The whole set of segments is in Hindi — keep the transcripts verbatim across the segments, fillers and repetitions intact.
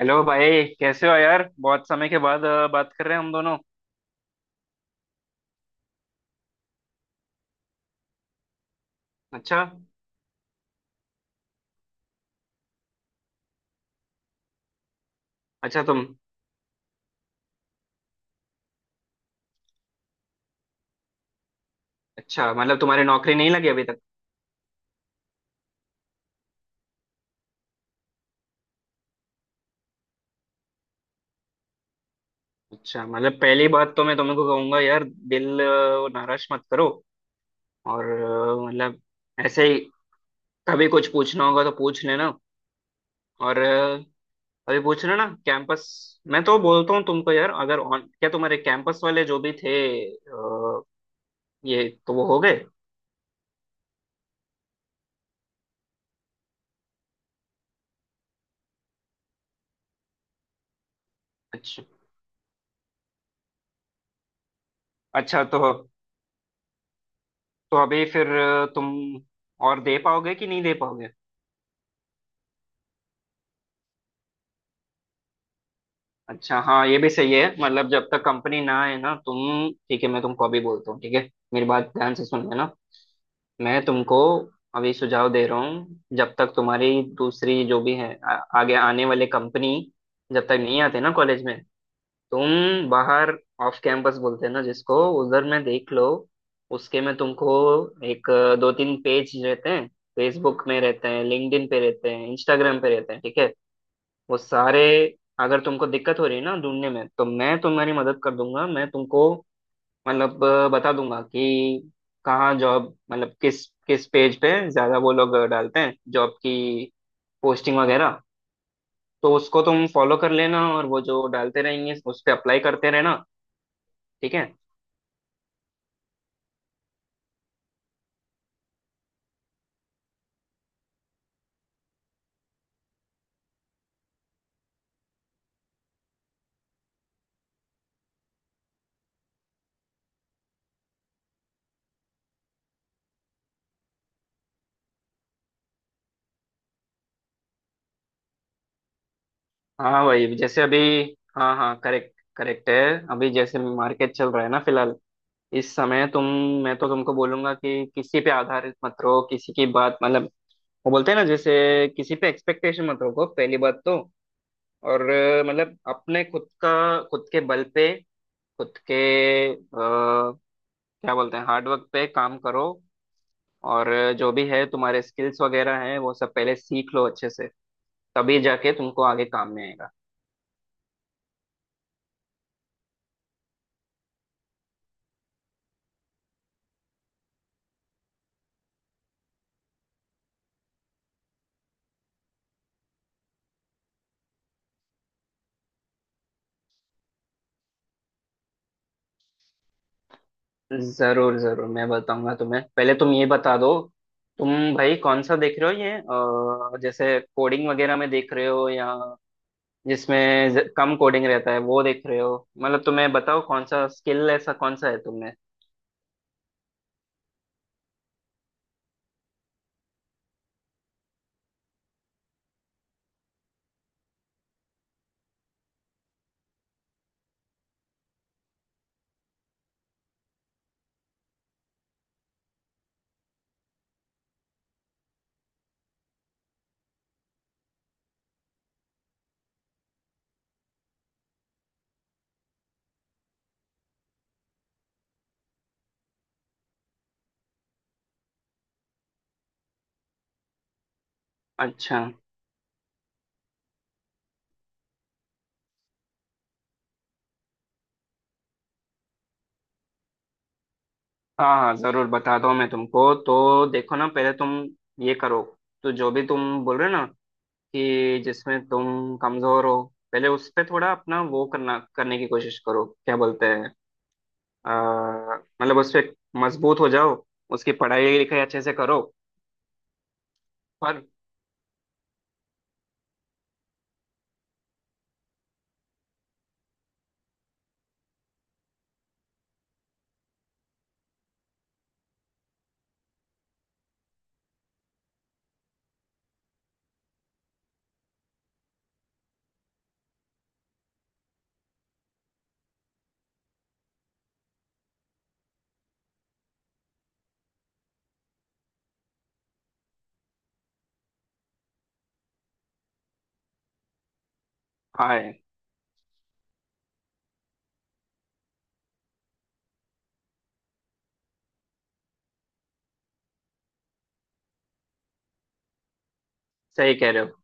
हेलो भाई। कैसे हो यार? बहुत समय के बाद अ, बात कर रहे हैं हम दोनों। अच्छा। अच्छा, तुम... अच्छा, मतलब तुम्हारी नौकरी नहीं लगी अभी तक? अच्छा, मतलब पहली बात तो मैं तुमको कहूंगा यार, दिल अ, नाराज मत करो। और अ, मतलब ऐसे ही कभी कुछ पूछना होगा तो पूछ लेना। और अ, अभी पूछ लेना। कैंपस, मैं तो बोलता हूँ तुमको यार, अगर ऑन, क्या तुम्हारे कैंपस वाले जो भी थे अ, ये तो वो हो गए। अच्छा। अच्छा तो... तो अभी फिर अ, तुम और दे पाओगे कि नहीं दे पाओगे? अच्छा हाँ, ये भी सही है, मतलब जब तक कंपनी ना आए ना तुम... ठीक है, मैं तुमको अभी बोलता हूँ, ठीक है। मेरी बात ध्यान से सुन लेना। मैं तुमको अभी सुझाव दे रहा हूँ, जब तक तुम्हारी दूसरी जो भी है आ, आगे आने वाले कंपनी जब तक नहीं आते ना कॉलेज में, तुम बाहर ऑफ कैंपस बोलते हैं ना जिसको, उधर में देख लो। उसके में तुमको एक अ, दो तीन पेज रहते हैं। फेसबुक में रहते हैं, लिंक्डइन पे रहते हैं, इंस्टाग्राम पे रहते हैं, ठीक है। वो सारे, अगर तुमको दिक्कत हो रही है ना ढूंढने में, तो मैं तुम्हारी मदद कर दूंगा। मैं तुमको मतलब अ, बता दूंगा कि कहाँ जॉब, मतलब किस किस पेज पे ज्यादा वो लोग डालते हैं जॉब की पोस्टिंग वगैरह। तो उसको तुम फॉलो कर लेना, और वो जो डालते रहेंगे उस पे अप्लाई करते रहना, ठीक है। हाँ भाई, जैसे अभी... हाँ हाँ, करेक्ट करेक्ट है। अभी जैसे मार्केट चल रहा है ना फिलहाल, इस समय तुम... मैं तो तुमको बोलूंगा कि किसी पे आधारित मत रहो, किसी की बात मतलब वो बोलते हैं ना जैसे, किसी पे एक्सपेक्टेशन मत रखो, पहली बात तो। और अ, मतलब अपने खुद का, खुद के बल पे, खुद के आ, क्या बोलते हैं हार्डवर्क पे काम करो। और अ, जो भी है तुम्हारे स्किल्स वगैरह हैं वो सब पहले सीख लो अच्छे से, तभी जाके तुमको आगे काम में आएगा। जरूर जरूर मैं बताऊंगा तुम्हें, पहले तुम ये बता दो। तुम भाई कौन सा देख रहे हो ये, अ, जैसे कोडिंग वगैरह में देख रहे हो, या जिसमें ज- कम कोडिंग रहता है वो देख रहे हो, मतलब तुम्हें बताओ कौन सा स्किल, ऐसा कौन सा है तुमने। अच्छा। हाँ हाँ जरूर बताता हूँ मैं तुमको, तो देखो ना, पहले तुम ये करो। तो जो भी तुम बोल रहे हो ना, कि जिसमें तुम कमजोर हो, पहले उस पे थोड़ा अपना वो करना, करने की कोशिश करो, क्या बोलते हैं अ, मतलब उस पे मजबूत हो जाओ। उसकी पढ़ाई लिखाई अच्छे से करो। पर हाँ, सही कह रहे हो।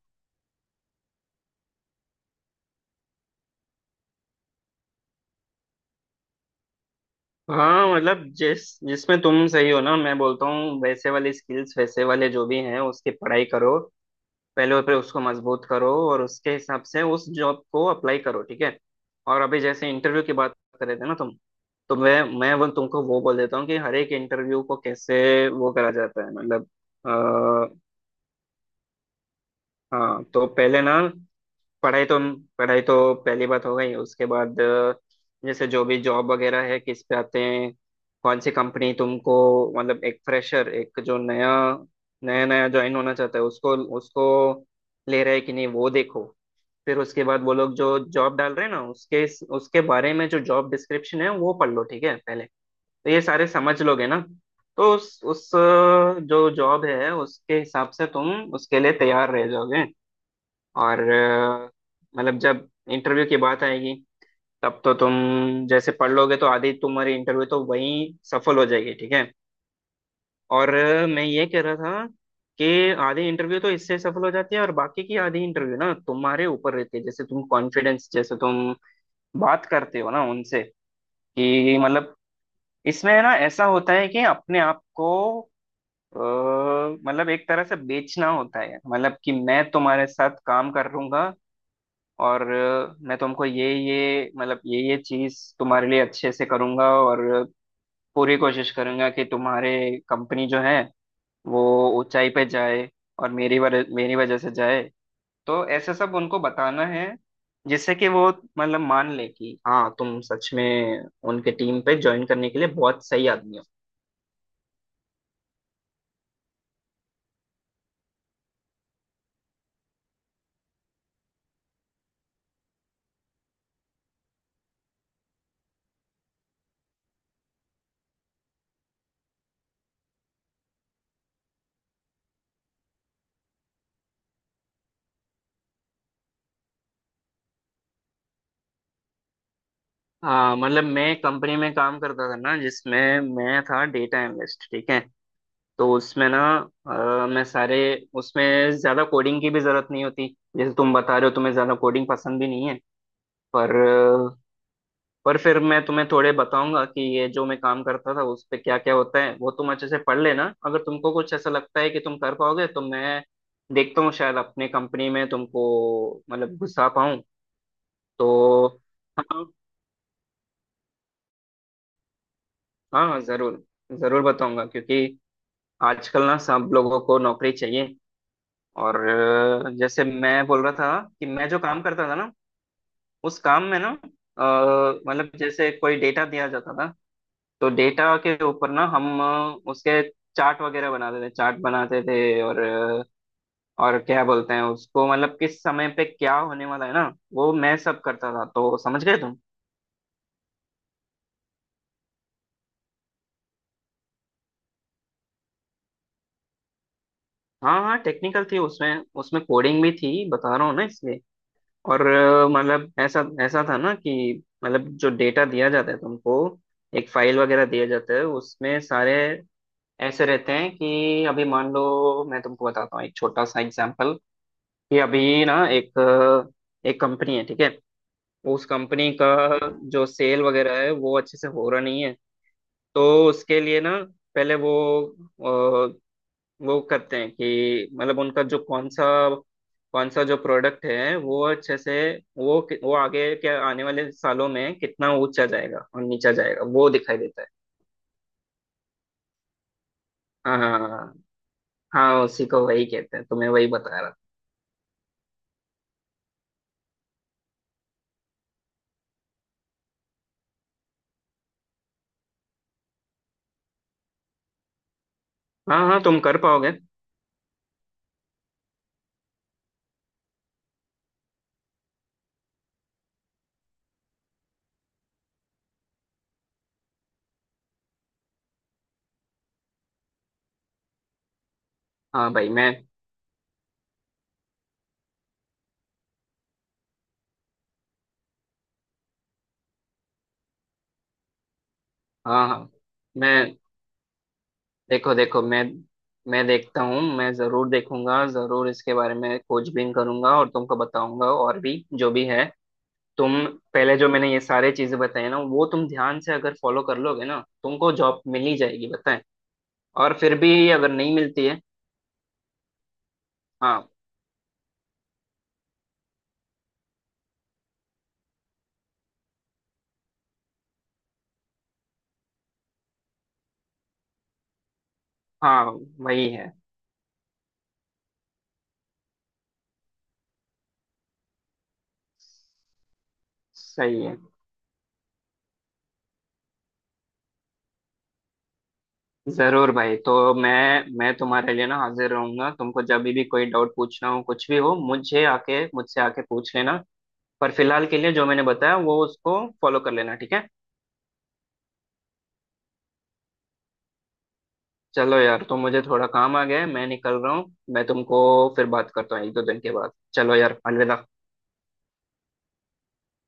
हाँ मतलब जिस, जिसमें तुम सही हो ना, मैं बोलता हूँ वैसे वाले स्किल्स, वैसे वाले जो भी हैं उसकी पढ़ाई करो। पहले पे उसको मजबूत करो, और उसके हिसाब से उस जॉब को अप्लाई करो, ठीक है। और अभी जैसे इंटरव्यू की बात कर रहे थे ना तुम, तो मैं मैं वो तुमको वो बोल देता हूँ कि हर एक इंटरव्यू को कैसे वो करा जाता है, मतलब आ, हाँ तो पहले ना, पढ़ाई तो... पढ़ाई तो पहली बात हो गई, उसके बाद अ, जैसे जो भी जॉब वगैरह है किस पे आते हैं, कौन सी कंपनी तुमको, मतलब एक फ्रेशर, एक जो नया, नया नया ज्वाइन होना चाहता है, उसको, उसको ले रहा है कि नहीं वो देखो। फिर उसके बाद वो लोग जो जॉब डाल रहे हैं ना, उसके उसके बारे में जो जॉब डिस्क्रिप्शन है वो पढ़ लो, ठीक है पहले। तो ये सारे समझ लोगे ना, तो उस उस अ, जो जॉब है उसके हिसाब से तुम उसके लिए तैयार रह जाओगे। और अ, मतलब जब इंटरव्यू की बात आएगी तब तो तुम जैसे पढ़ लोगे तो आधी तुम्हारी इंटरव्यू तो वहीं सफल हो जाएगी, ठीक है। और अ, मैं ये कह रहा था कि आधी इंटरव्यू तो इससे सफल हो जाती है, और बाकी की आधी इंटरव्यू ना तुम्हारे ऊपर रहती है, जैसे तुम कॉन्फिडेंस, जैसे तुम बात करते हो ना उनसे, कि मतलब इसमें ना ऐसा होता है कि अपने आप को अ, मतलब एक तरह से बेचना होता है, मतलब कि मैं तुम्हारे साथ काम कर लूंगा, और मैं तुमको ये ये मतलब ये ये चीज तुम्हारे लिए अच्छे से करूंगा, और पूरी कोशिश करूंगा कि तुम्हारे कंपनी जो है वो ऊंचाई पे जाए, और मेरी वजह, मेरी वजह से जाए। तो ऐसे सब उनको बताना है, जिससे कि वो मतलब मान ले कि हाँ तुम सच में उनके टीम पे ज्वाइन करने के लिए बहुत सही आदमी हो। हाँ मतलब मैं कंपनी में काम करता था ना, जिसमें मैं था डेटा एनालिस्ट, ठीक है। तो उसमें ना अ, मैं सारे, उसमें ज्यादा कोडिंग की भी जरूरत नहीं होती। जैसे तुम बता रहे हो तुम्हें ज्यादा कोडिंग पसंद भी नहीं है। पर अ, पर फिर मैं तुम्हें थोड़े बताऊंगा कि ये जो मैं काम करता था उस पे क्या क्या होता है, वो तुम अच्छे से पढ़ लेना, अगर तुमको कुछ ऐसा लगता है कि तुम कर पाओगे तो मैं देखता हूँ, शायद अपने कंपनी में तुमको मतलब घुसा पाऊँ। तो हाँ, हाँ जरूर, जरूर बताऊंगा, क्योंकि आजकल ना सब लोगों को नौकरी चाहिए। और अ, जैसे मैं बोल रहा था कि मैं जो काम करता था ना, उस काम में ना अ, मतलब जैसे कोई डेटा दिया जाता था, तो डेटा के ऊपर ना हम अ, उसके चार्ट वगैरह बनाते थे, चार्ट बनाते थे, और अ, और क्या बोलते हैं उसको, मतलब किस समय पे क्या होने वाला है ना, वो मैं सब करता था, तो समझ गए तुम। हाँ हाँ टेक्निकल थी, उसमें उसमें कोडिंग भी थी, बता रहा हूँ ना इसलिए। और अ, मतलब ऐसा ऐसा था ना कि मतलब जो डेटा दिया जाता है तुमको, एक फाइल वगैरह दिया जाता है, उसमें सारे ऐसे रहते हैं कि अभी मान लो, मैं तुमको बताता हूँ एक छोटा सा एग्जांपल, कि अभी ना एक अ, एक कंपनी है, ठीक है। उस कंपनी का जो सेल वगैरह है वो अच्छे से हो रहा नहीं है, तो उसके लिए ना पहले वो वो करते हैं कि मतलब उनका जो कौन सा, कौन सा जो प्रोडक्ट है वो अच्छे से वो वो आगे के आने वाले सालों में कितना ऊंचा जाएगा और नीचा जाएगा वो दिखाई देता है। हाँ हाँ हाँ, हाँ। हाँ, उसी को वही कहते हैं, तुम्हें वही बता रहा। हाँ हाँ, तुम कर पाओगे। हाँ भाई मैं... हाँ हाँ, मैं देखो देखो मैं मैं देखता हूँ, मैं जरूर देखूंगा, जरूर इसके बारे में खोजबीन करूंगा और तुमको बताऊंगा, और भी जो भी है। तुम पहले जो मैंने ये सारे चीजें बताई ना वो तुम ध्यान से अगर फॉलो कर लोगे ना, तुमको जॉब मिल ही जाएगी, बताएं। और फिर भी अगर नहीं मिलती है, हाँ हाँ वही है। सही है। जरूर भाई, तो मैं मैं तुम्हारे लिए ना हाजिर रहूंगा, तुमको जब भी कोई डाउट पूछना हो, कुछ भी हो, मुझे आके, मुझसे आके पूछ लेना। पर फिलहाल के लिए जो मैंने बताया वो उसको फॉलो कर लेना, ठीक है। चलो यार, तो मुझे थोड़ा काम आ गया है, मैं निकल रहा हूँ। मैं तुमको फिर बात करता हूँ एक दो दिन के बाद। चलो यार, अलविदा।